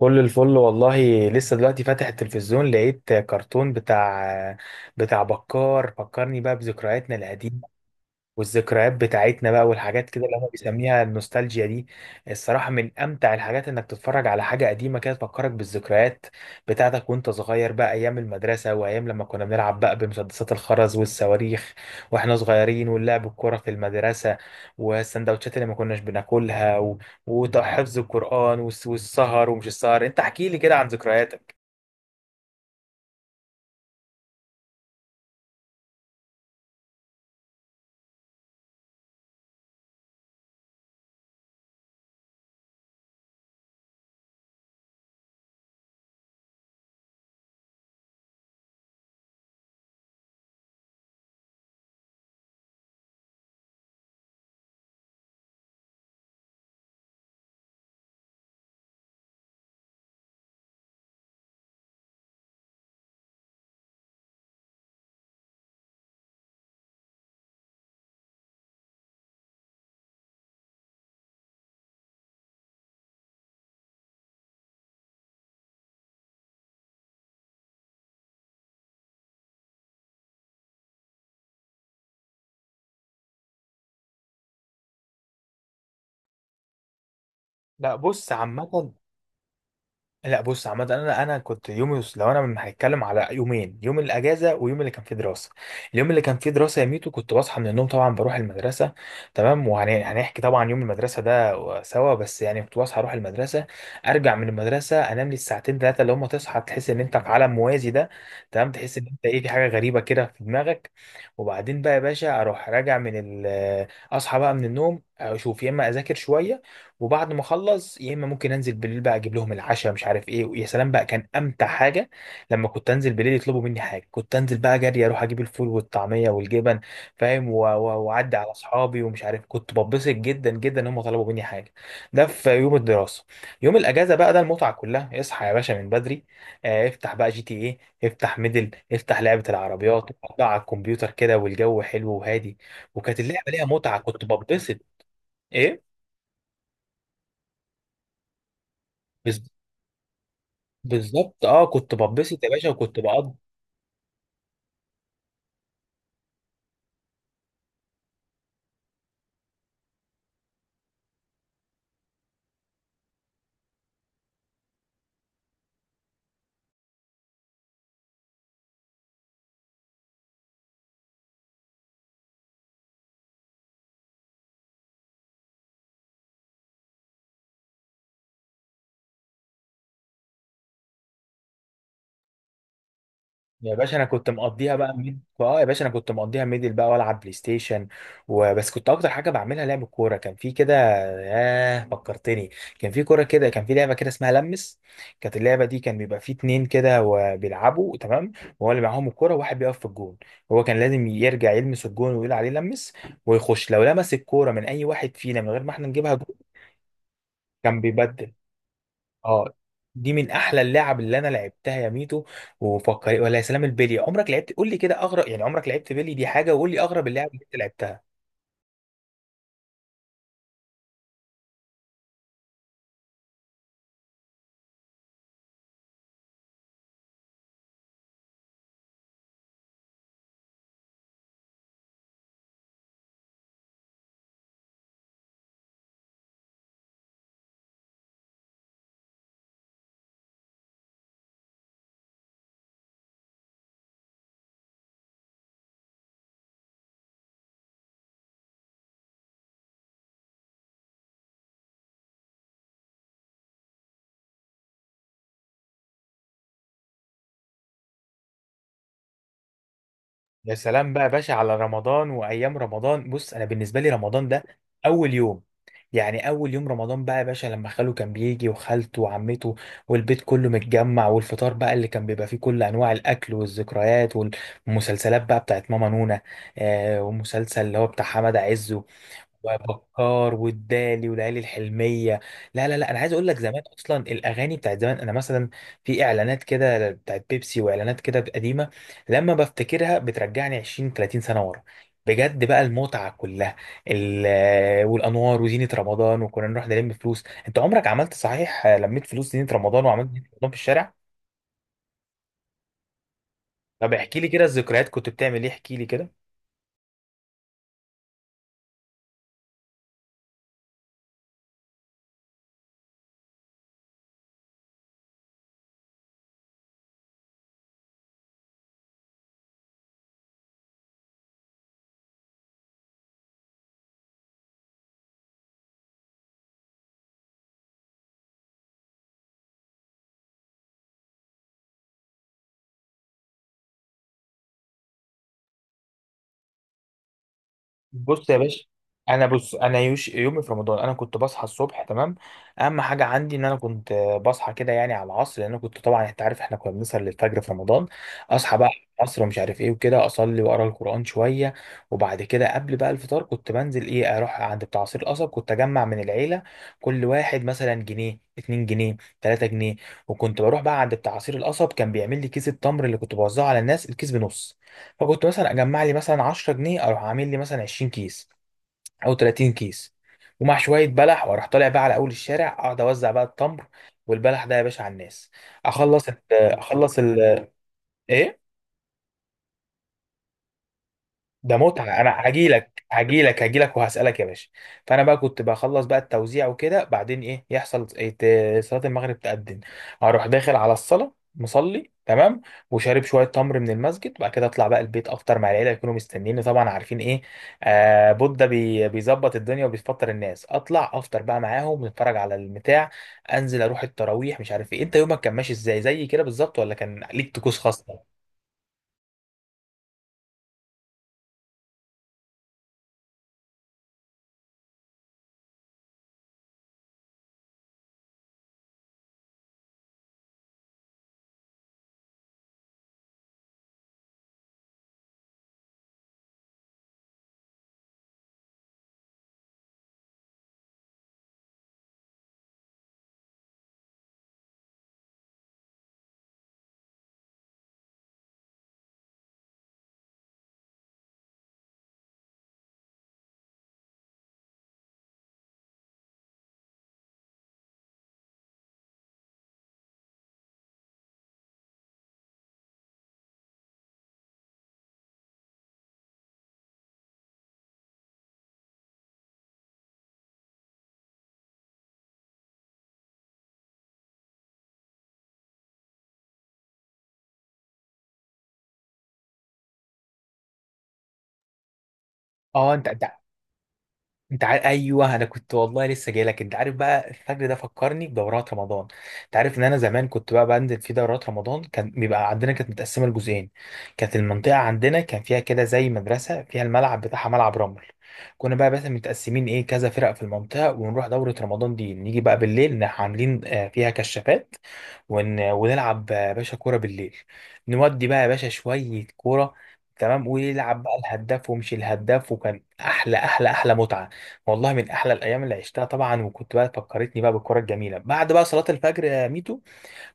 كل الفل والله، لسه دلوقتي فاتح التلفزيون لقيت كرتون بتاع بكار، فكرني بقى بذكرياتنا القديمة والذكريات بتاعتنا بقى والحاجات كده اللي هو بيسميها النوستالجيا دي. الصراحة من أمتع الحاجات إنك تتفرج على حاجة قديمة كده تفكرك بالذكريات بتاعتك وأنت صغير بقى، أيام المدرسة وأيام لما كنا بنلعب بقى بمسدسات الخرز والصواريخ وإحنا صغيرين، واللعب الكورة في المدرسة، والسندوتشات اللي ما كناش بناكلها وحفظ القرآن والسهر ومش السهر. أنت احكي لي كده عن ذكرياتك. لا بص عامة. لا بص عامة انا انا كنت يومي، لو انا من هنتكلم على يومين، يوم الاجازة ويوم اللي كان فيه دراسة. اليوم اللي كان فيه دراسة يا ميتو كنت بصحى من النوم، طبعا بروح المدرسة، تمام. وهنحكي طبعا يوم المدرسة ده سوا، بس يعني كنت بصحى اروح المدرسة، ارجع من المدرسة انام لي الساعتين ثلاثة اللي هم تصحى تحس ان انت في عالم موازي ده، تمام. تحس ان انت ايه، في حاجة غريبة كده في دماغك. وبعدين بقى يا باشا اروح راجع من اصحى بقى من النوم، اشوف يا اما اذاكر شوية، وبعد ما اخلص يا اما ممكن انزل بالليل بقى اجيب لهم العشاء، مش عارف ايه. ويا سلام بقى، كان امتع حاجه لما كنت انزل بالليل يطلبوا مني حاجه، كنت انزل بقى جري اروح اجيب الفول والطعميه والجبن، فاهم، واعدي على اصحابي، ومش عارف كنت ببسط جدا جدا ان هم طلبوا مني حاجه. ده في يوم الدراسه. يوم الاجازه بقى ده المتعه كلها. اصحى يا باشا من بدري، افتح بقى جي تي ايه، افتح ميدل، افتح لعبه العربيات، اقعد على الكمبيوتر كده، والجو حلو وهادي. وكانت اللعبه ليها متعه، كنت ببسط. ايه بالظبط، كنت ببسط يا باشا وكنت بقضي. يا باشا انا كنت مقضيها بقى ميد اه يا باشا انا كنت مقضيها ميدل بقى والعب بلاي ستيشن وبس. كنت اكتر حاجه بعملها لعب الكوره. كان في كده، ياه فكرتني. كان في كوره كده، كان في لعبه كده اسمها لمس. كانت اللعبه دي كان بيبقى في اتنين كده وبيلعبوا، تمام. وهو اللي معاهم الكوره وواحد بيقف في الجون. هو كان لازم يرجع يلمس الجون ويقول عليه لمس، ويخش لو لمس الكوره من اي واحد فينا من غير ما احنا نجيبها جون كان بيبدل. اه دي من احلى اللعب اللي انا لعبتها يا ميتو. وفكر، ولا يا سلام البلي. عمرك لعبت؟ قول لي كده اغرب، يعني عمرك لعبت بلي؟ دي حاجه. وقول لي اغرب اللعب اللي انت لعبتها. يا سلام بقى يا باشا على رمضان وايام رمضان. بص، انا بالنسبه لي رمضان ده اول يوم، يعني اول يوم رمضان بقى يا باشا لما خاله كان بيجي وخالته وعمته والبيت كله متجمع، والفطار بقى اللي كان بيبقى فيه كل انواع الاكل والذكريات، والمسلسلات بقى بتاعت ماما نونا، ومسلسل اللي هو بتاع حمد عز، وبكار، والدالي، والليالي الحلميه. لا لا لا، انا عايز اقول لك زمان اصلا الاغاني بتاعت زمان، انا مثلا في اعلانات كده بتاعت بيبسي، واعلانات كده قديمه، لما بفتكرها بترجعني 20 30 سنه ورا، بجد بقى المتعه كلها. والانوار وزينه رمضان، وكنا نروح نلم فلوس. انت عمرك عملت صحيح لميت فلوس زينه رمضان وعملت زينه رمضان في الشارع؟ طب احكي لي كده الذكريات، كنت بتعمل ايه؟ احكي لي كده. بص يا باشا. انا بص انا يوش يومي في رمضان، انا كنت بصحى الصبح، تمام. اهم حاجه عندي ان انا كنت بصحى كده يعني على العصر، لان أنا كنت طبعا انت عارف احنا كنا بنسهر للفجر في رمضان. اصحى بقى العصر ومش عارف ايه وكده، اصلي واقرا القران شويه. وبعد كده قبل بقى الفطار كنت بنزل ايه، اروح عند بتاع عصير القصب. كنت اجمع من العيله، كل واحد مثلا جنيه، 2 جنيه، 3 جنيه. وكنت بروح بقى عند بتاع عصير القصب، كان بيعمل لي كيس التمر اللي كنت بوزعه على الناس، الكيس بنص. فكنت مثلا اجمع لي مثلا 10 جنيه، اروح عامل لي مثلا 20 كيس او 30 كيس، ومع شويه بلح، واروح طالع بقى على اول الشارع اقعد اوزع بقى التمر والبلح ده يا باشا على الناس. اخلص ال اخلص ال ايه ده، متعة. انا هجيلك وهسألك يا باشا. فانا بقى كنت بخلص بقى التوزيع وكده، بعدين ايه يحصل، صلاة المغرب تأذن. اروح داخل على الصلاة مصلي، تمام، وشارب شوية تمر من المسجد، وبعد كده اطلع بقى البيت افطر مع العيلة، يكونوا مستنيني طبعا، عارفين ايه، بودة بي بيظبط الدنيا وبيفطر الناس. اطلع افطر بقى معاهم، نتفرج على البتاع، انزل اروح التراويح مش عارف ايه. انت يومك كان ماشي ازاي؟ زي كده بالظبط ولا كان ليك طقوس خاصة؟ اه انت انت انت عارف، ايوه انا كنت والله لسه جاي لك. انت عارف بقى الفجر ده فكرني بدورات رمضان. انت عارف ان انا زمان كنت بقى بنزل في دورات رمضان. كان بيبقى عندنا كانت متقسمه لجزئين. كانت المنطقه عندنا كان فيها كده زي مدرسه فيها الملعب بتاعها، ملعب رمل. كنا بقى بس متقسمين ايه، كذا فرق في المنطقه، ونروح دوره رمضان دي، نيجي بقى بالليل عاملين فيها كشافات، ونلعب يا باشا كورة بالليل. نودي بقى يا باشا شوية كورة، تمام. ويلعب بقى الهداف ومش الهداف، وكان أحلى أحلى أحلى متعة. والله من أحلى الأيام اللي عشتها طبعا. وكنت بقى فكرتني بقى بالكورة الجميلة بعد بقى صلاة الفجر يا ميتو،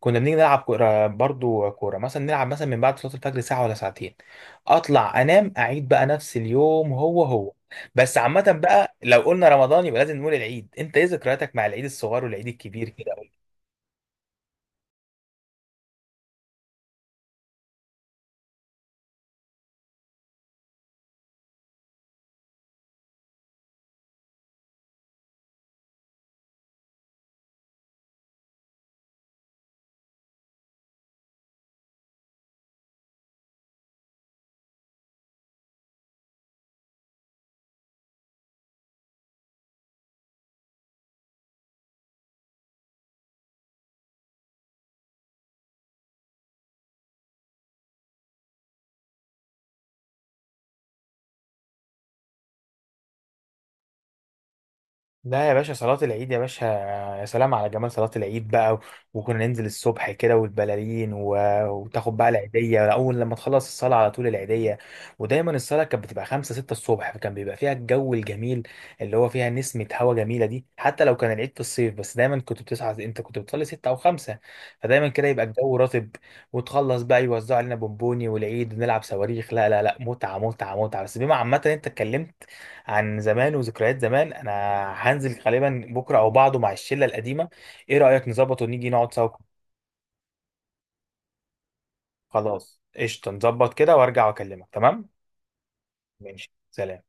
كنا بنيجي نلعب كورة برضو، كورة مثلا نلعب مثلا من بعد صلاة الفجر ساعة ولا ساعتين. أطلع أنام، أعيد بقى نفس اليوم هو هو. بس عامة بقى لو قلنا رمضان يبقى لازم نقول العيد. أنت إيه ذكرياتك مع العيد الصغير والعيد الكبير كده؟ لا يا باشا صلاة العيد يا باشا، يا سلام على جمال صلاة العيد بقى. وكنا ننزل الصبح كده، والبلالين، وتاخد بقى العيدية، أول لما تخلص الصلاة على طول العيدية. ودايما الصلاة كانت بتبقى خمسة ستة الصبح، فكان بيبقى فيها الجو الجميل اللي هو فيها نسمة هوا جميلة دي، حتى لو كان العيد في الصيف، بس دايما كنت بتصحى، أنت كنت بتصلي ستة أو خمسة. فدايما كده يبقى الجو رطب. وتخلص بقى يوزعوا علينا بونبوني والعيد، ونلعب صواريخ. لا لا لا، متعة متعة متعة. بس بما عامة أنت اتكلمت عن زمان وذكريات زمان، انا هنزل غالبا بكره او بعده مع الشله القديمه. ايه رايك نظبط ونيجي نقعد سوا؟ خلاص قشطه، نظبط كده وارجع واكلمك، تمام. ماشي، سلام.